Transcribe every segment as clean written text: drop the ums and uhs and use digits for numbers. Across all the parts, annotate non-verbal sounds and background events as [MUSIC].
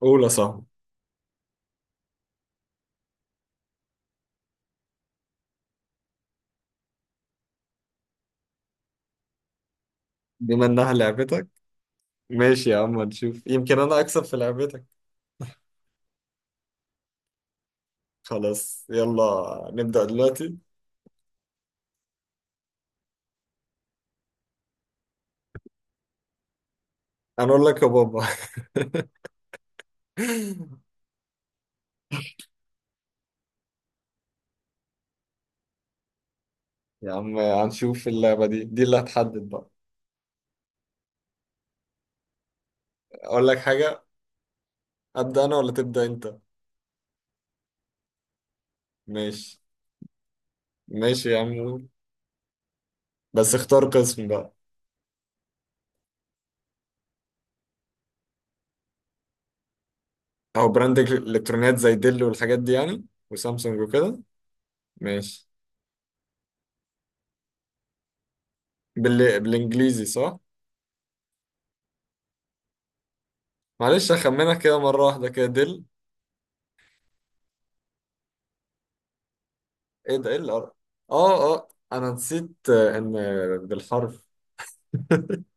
قول يا صاحبي. بما انها لعبتك، ماشي يا عم، نشوف يمكن انا اكسب في لعبتك. خلاص يلا نبدأ دلوقتي. انا اقول لك يا بابا. [LAUGHS] يا عم هنشوف اللعبة دي اللي هتحدد بقى. اقول لك حاجة، ابدأ انا ولا تبدأ انت؟ ماشي ماشي يا عم، قول. بس اختار قسم بقى. او براند الكترونيات زي ديل والحاجات دي يعني، وسامسونج وكده. ماشي. بالانجليزي صح؟ معلش اخمنك كده مرة واحدة كده، ديل. ايه ده؟ ايه اللي قرأ؟ اه اه، انا نسيت ان بالحرف. [LAUGHS]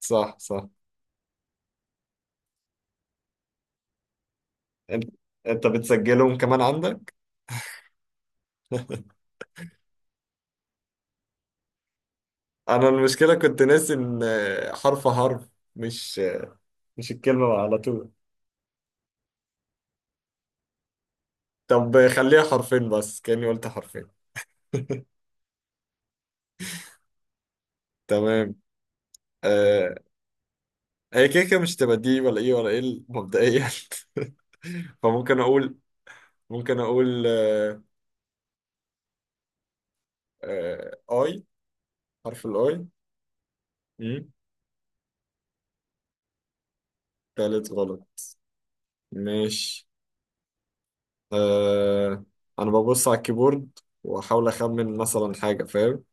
صح صح. انت انت بتسجلهم كمان عندك؟ [LAUGHS] انا المشكلة كنت ناسي ان حرف حرف، مش مش الكلمة على طول. طب خليها حرفين بس، كأني قلت حرفين. [LAUGHS] تمام. آه. هي كده كده مش تبقى دي ولا ايه ولا ايه مبدئيا. [LAUGHS] فممكن اقول، ممكن اقول آه، آه اي، حرف الاي. مم. تالت غلط ماشي. آه. انا ببص على الكيبورد واحاول اخمن مثلا حاجه، فاهم؟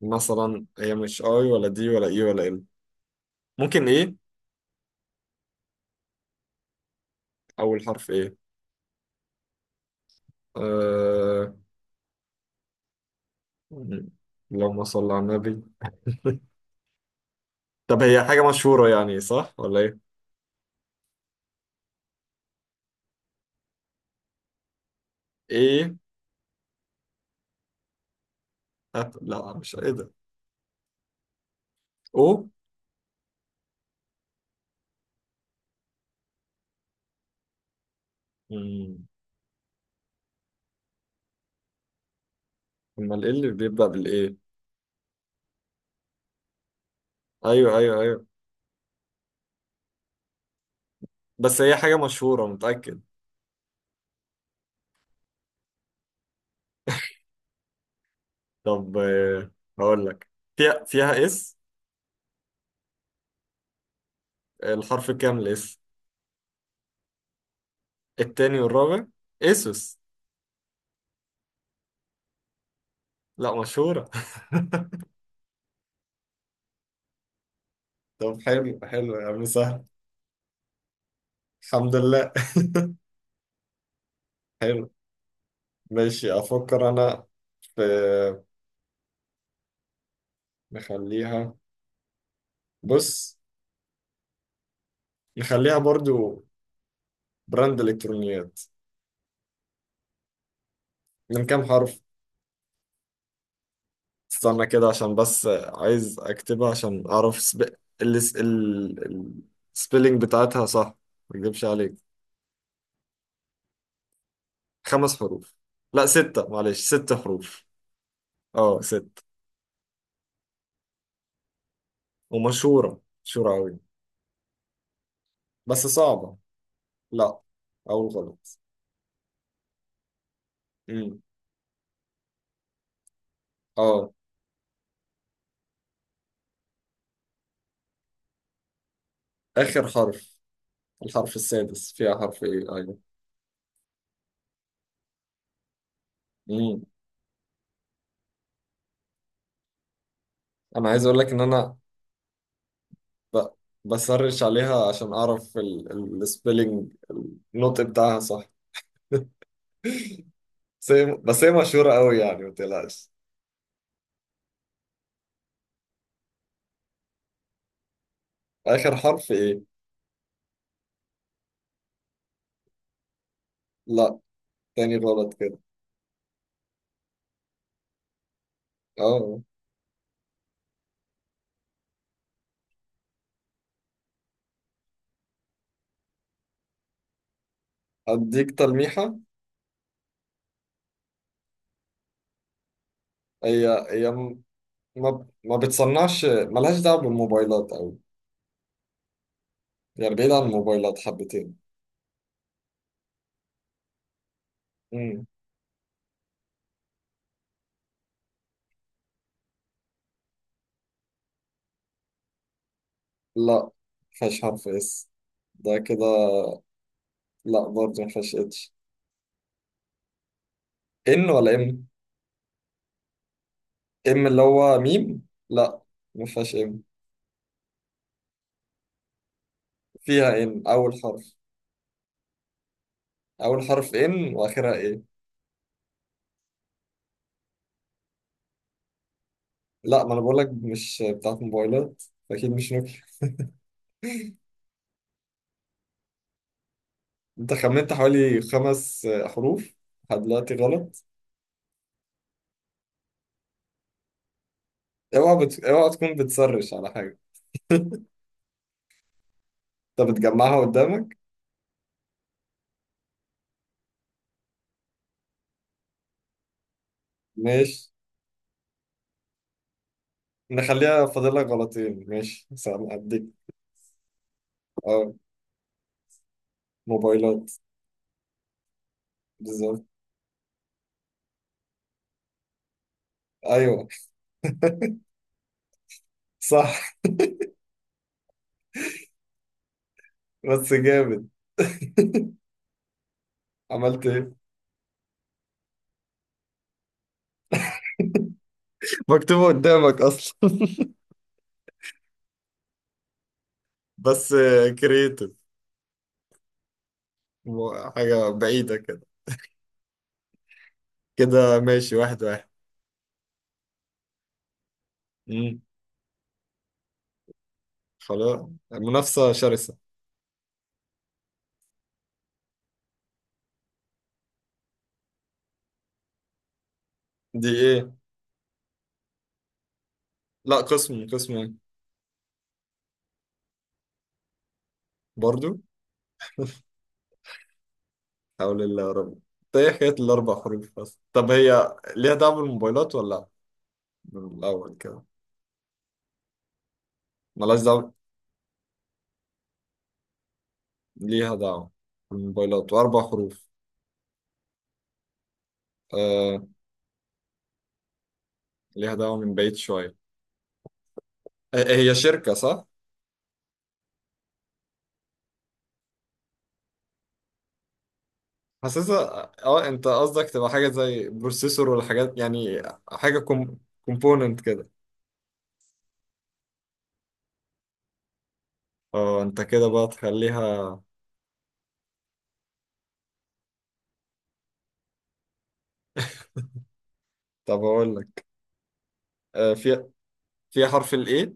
مثلا هي مش اي ولا دي ولا اي ولا ال، ممكن ايه، اول حرف ايه. آه، اللهم صل على النبي. طب هي حاجه مشهوره يعني صح ولا ايه؟ ايه. لا مش ايه ده. او. مم. امال ايه اللي بيبدا بالايه؟ ايوه ايوه ايوه، بس هي حاجه مشهوره متاكد. طب آه، هقول لك. فيها اس. الحرف الكامل اس، التاني والرابع. اسوس. لا مشهورة. [LAUGHS] طب حلو حلو يا عم، سهل. الحمد لله. [LAUGHS] حلو. ماشي، أفكر أنا في، نخليها، بص، نخليها برضو براند إلكترونيات. من كام حرف؟ استنى كده عشان بس عايز أكتبها عشان أعرف. ال... ال... السبيلينج بتاعتها صح، ما أكدبش عليك. خمس حروف، لا ستة، معلش ست حروف. أه ست، ومشهورة مشهورة أوي بس صعبة. لا، أول غلط. امم. اه. اخر حرف، الحرف السادس فيها حرف ايه، ايوه. امم. انا عايز اقول لك ان انا ب... بسرش عليها عشان اعرف السبيلنج، النطق بتاعها صح. [LAUGHS] بس هي مشهورة قوي يعني ما تقلقش. آخر حرف إيه؟ لا، تاني غلط كده. أه. أديك تلميحة. هي هي م- ما بتصنعش، ملهاش دعوة بالموبايلات أوي، يعني بعيد عن الموبايلات حبتين. مم. لا مفيهاش حرف إس. ده كده. لا برضه ما فيهاش اتش. ان ولا ام؟ ام اللي هو ميم، لا ما فيهاش ام. فيها ان، اول حرف. اول حرف ان، واخرها ايه. لا، ما انا بقول لك مش بتاعت موبايلات، اكيد مش نوكيا. انت خمنت حوالي خمس حروف لحد دلوقتي غلط. اوعى اوعى تكون بتسرش على حاجه. [LAUGHS] انت بتجمعها قدامك. ماشي نخليها، فاضل لك غلطين، ماشي سلام، اديك. اه، موبايلات. بالظبط. ايوه. صح. [LAUGHS] بس جامد. عملت ايه؟ مكتوبة قدامك أصلا. [LAUGHS] بس كرييتيف. حاجة بعيدة كده. كده ماشي، واحد واحد. مم. خلاص، منافسة شرسة. دي إيه؟ لا، قسم قسم إيه؟ برضو؟ حول الله يا رب. طيب إيه حكاية الأربع حروف بس؟ طب هي ليها دعوة بالموبايلات ولا لأ؟ من الأول كده. ملهاش دعوة؟ ليها دعوة بالموبايلات وأربع حروف. آه. ليها دعوة من بعيد شوية. آه، هي شركة صح؟ حاسسها. اه انت قصدك تبقى حاجة زي بروسيسور ولا حاجات يعني. حاجة كومبوننت كده. اه انت كده بقى تخليها. طب اقول لك، آه، في، فيها حرف الايه؟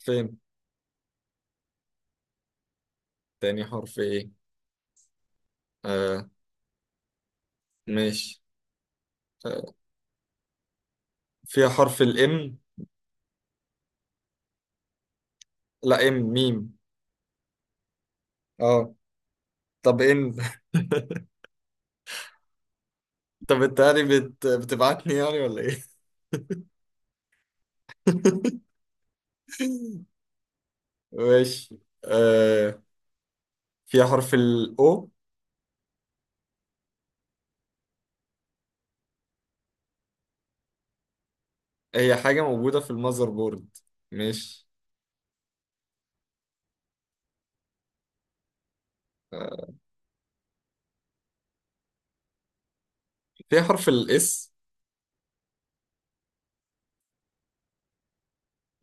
فين، تاني حرف؟ ايه. آه ماشي. آه. فيها حرف الام. لا ام، ميم. اه. طب ان. [LAUGHS] طب انت يعني بتبعتني يعني ولا ايه؟ [LAUGHS] ماشي. آه. فيها حرف الاو. هي حاجة موجودة في المذر بورد. ماشي. آه، في حرف الاس.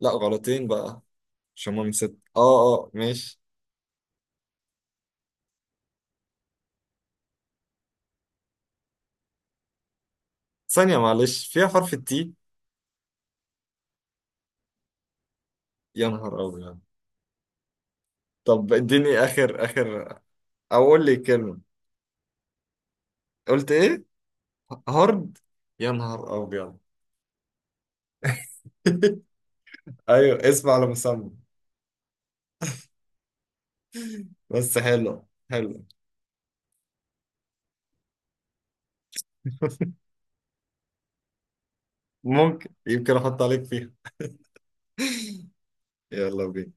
لا غلطين بقى، عشان هما من ست، اه اه ماشي. ثانية معلش، فيها حرف التي. يا نهار أبيض. طب اديني آخر آخر، أو قول لي كلمة. قلت إيه؟ هارد. يا نهار أبيض. [LAUGHS] أيوه، اسم على مسمى. بس حلو حلو. [LAUGHS] ممكن، يمكن أحط عليك فيها. يلا بينا.